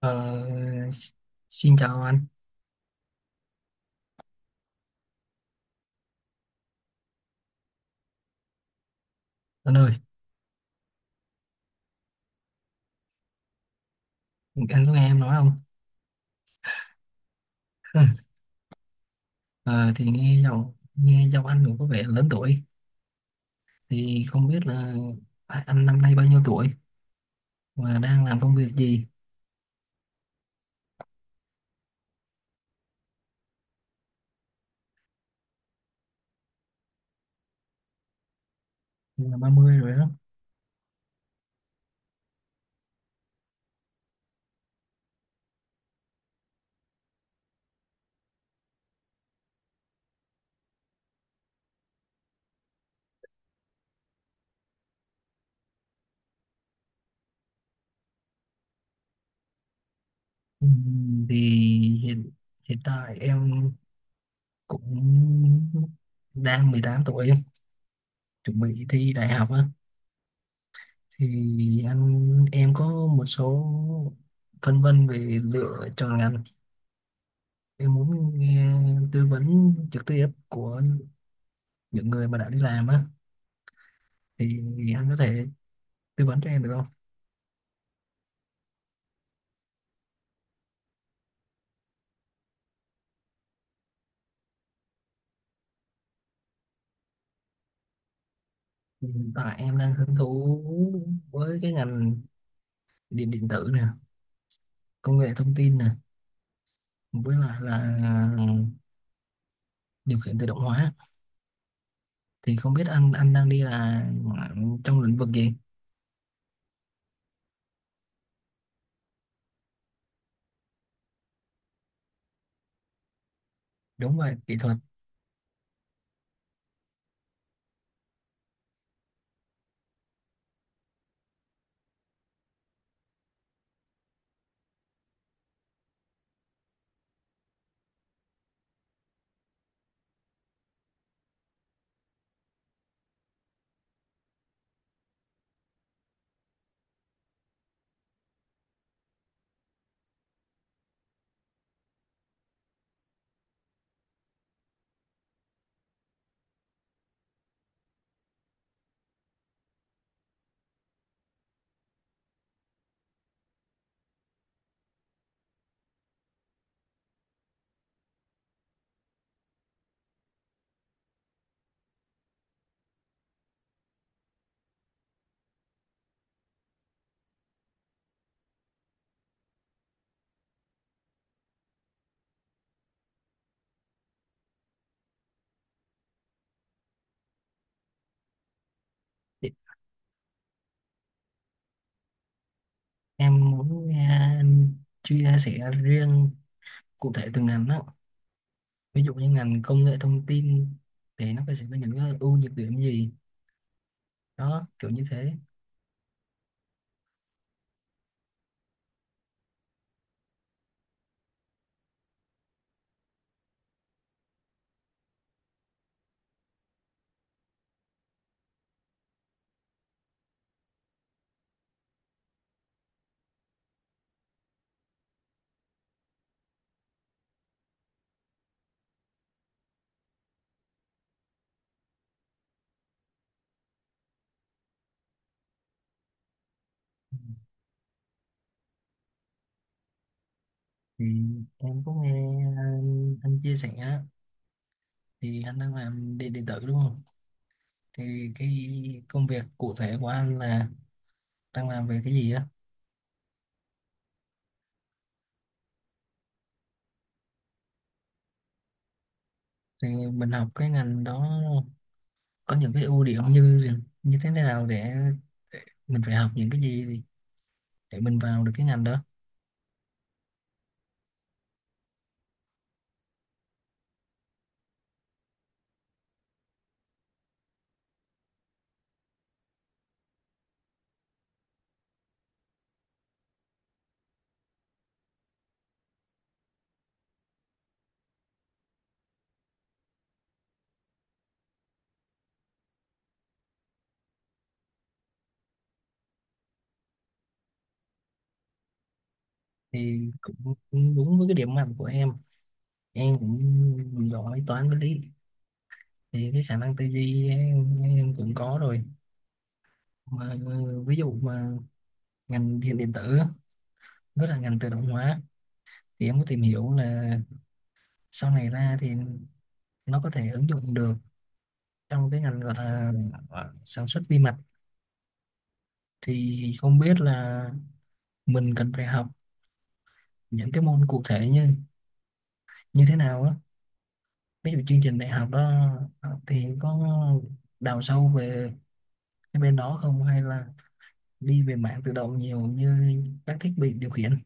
Ờ, Xin chào anh, anh ơi, anh có nghe em nói không? Ờ, thì nghe giọng anh cũng có vẻ lớn tuổi, thì không biết là anh năm nay bao nhiêu tuổi và đang làm công việc gì? Là ba mươi rồi đó. Thì hiện hiện tại em cũng đang 18 tuổi, chuẩn bị thi đại học á. Thì anh, em có một số phân vân về lựa chọn ngành, em muốn nghe tư vấn trực tiếp của những người mà đã đi làm á, thì anh có thể tư vấn cho em được không? Hiện tại em đang hứng thú với cái ngành điện điện tử nè, công nghệ thông tin nè, với lại là điều khiển tự động hóa. Thì không biết anh đang đi là trong lĩnh vực gì? Đúng rồi, kỹ thuật. Thì em muốn nghe anh chia sẻ riêng cụ thể từng ngành đó. Ví dụ như ngành công nghệ thông tin thì nó có, sẽ có những cái ưu nhược điểm gì, đó, kiểu như thế. Thì em có nghe anh chia sẻ á, thì anh đang làm điện điện tử đúng không, thì cái công việc cụ thể của anh là đang làm về cái gì á? Thì mình học cái ngành đó có những cái ưu điểm như như thế nào, để mình phải học những cái gì để mình vào được cái ngành đó. Thì cũng đúng với cái điểm mạnh của em cũng giỏi toán với lý, thì cái khả năng tư duy em cũng có rồi. Mà ví dụ ngành điện điện tử với là ngành tự động hóa, thì em có tìm hiểu là sau này ra thì nó có thể ứng dụng được trong cái ngành gọi là sản xuất vi mạch. Thì không biết là mình cần phải học những cái môn cụ thể như như thế nào á, ví dụ chương trình đại học đó, thì có đào sâu về cái bên đó không, hay là đi về mạng tự động nhiều như các thiết bị điều khiển?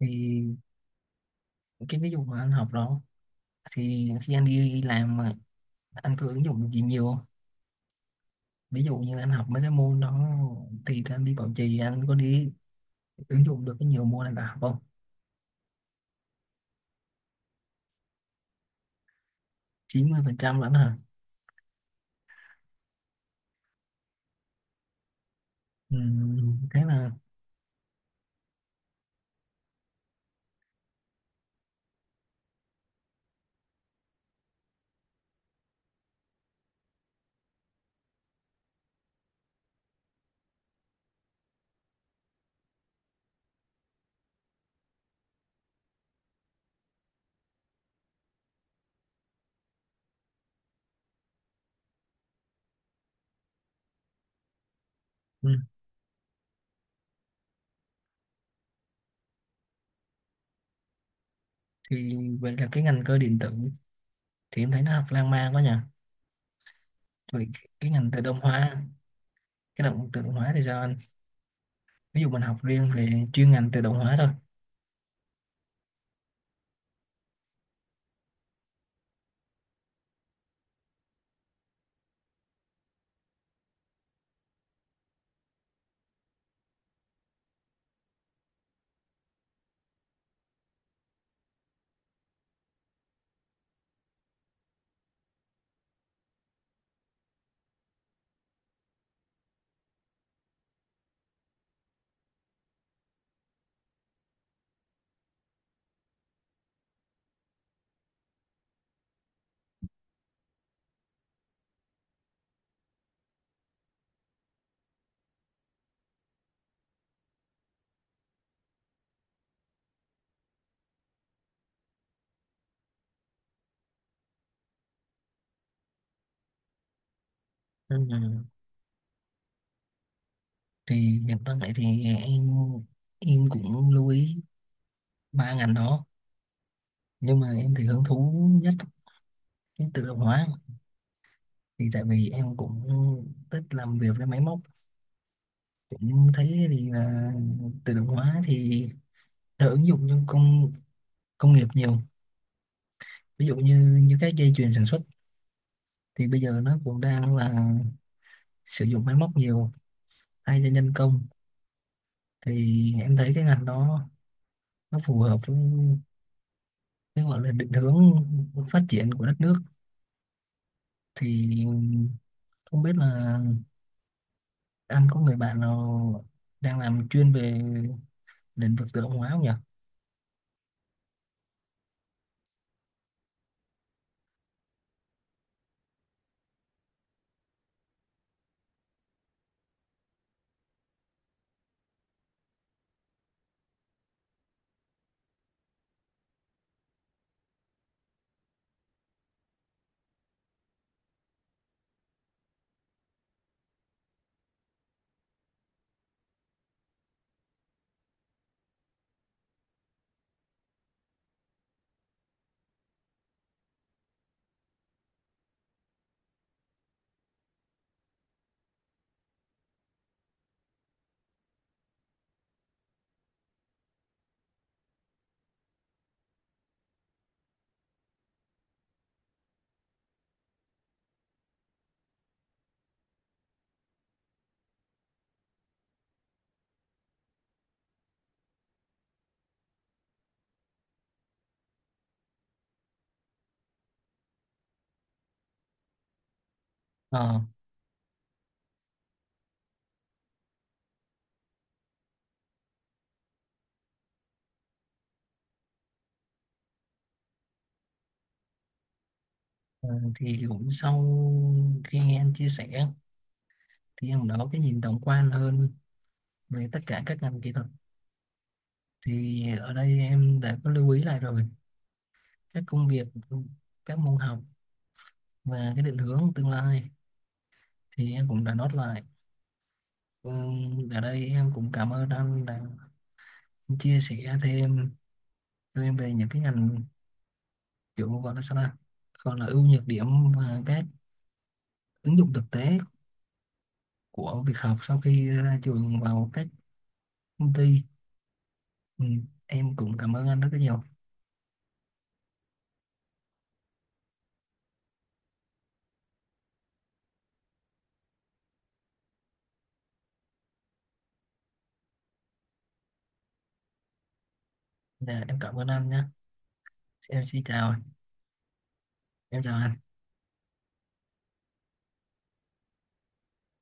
Thì cái ví dụ mà anh học đó, thì khi anh đi làm mà anh có ứng dụng gì nhiều không? Ví dụ như anh học mấy cái môn đó thì anh đi bảo trì, anh có đi ứng dụng được cái nhiều môn này đã học không? 90% lắm hả? Ừ, thế là ừ. Thì vậy là cái ngành cơ điện tử thì em thấy nó học lan man quá nhỉ. Vậy cái ngành tự động hóa, cái tự động hóa thì sao anh? Ví dụ mình học riêng về chuyên ngành tự động hóa thôi. Ừ. Thì hiện tại thì em cũng lưu ý ba ngành đó, nhưng mà em thì hứng thú nhất cái tự động hóa, thì tại vì em cũng thích làm việc với máy móc, cũng thấy thì là tự động hóa thì đã ứng dụng trong công công nghiệp nhiều. Ví dụ như như các dây chuyền sản xuất thì bây giờ nó cũng đang là sử dụng máy móc nhiều thay cho nhân công, thì em thấy cái ngành đó nó phù hợp với cái gọi là định hướng phát triển của đất nước. Thì không biết là anh có người bạn nào đang làm chuyên về lĩnh vực tự động hóa không nhỉ? Ờ, thì cũng sau khi nghe anh chia sẻ thì em cũng đã có cái nhìn tổng quan hơn về tất cả các ngành kỹ thuật, thì ở đây em đã có lưu ý lại rồi các công việc, các môn học và cái định hướng tương lai thì em cũng đã nốt lại. Ở đây em cũng cảm ơn anh đã chia sẻ thêm cho em về những cái ngành kiểu gọi là sao, là gọi là ưu nhược điểm và các ứng dụng thực tế của việc học sau khi ra trường vào các công ty. Em cũng cảm ơn anh rất là nhiều. Dạ, em cảm ơn anh nhé. Em xin chào, em chào anh.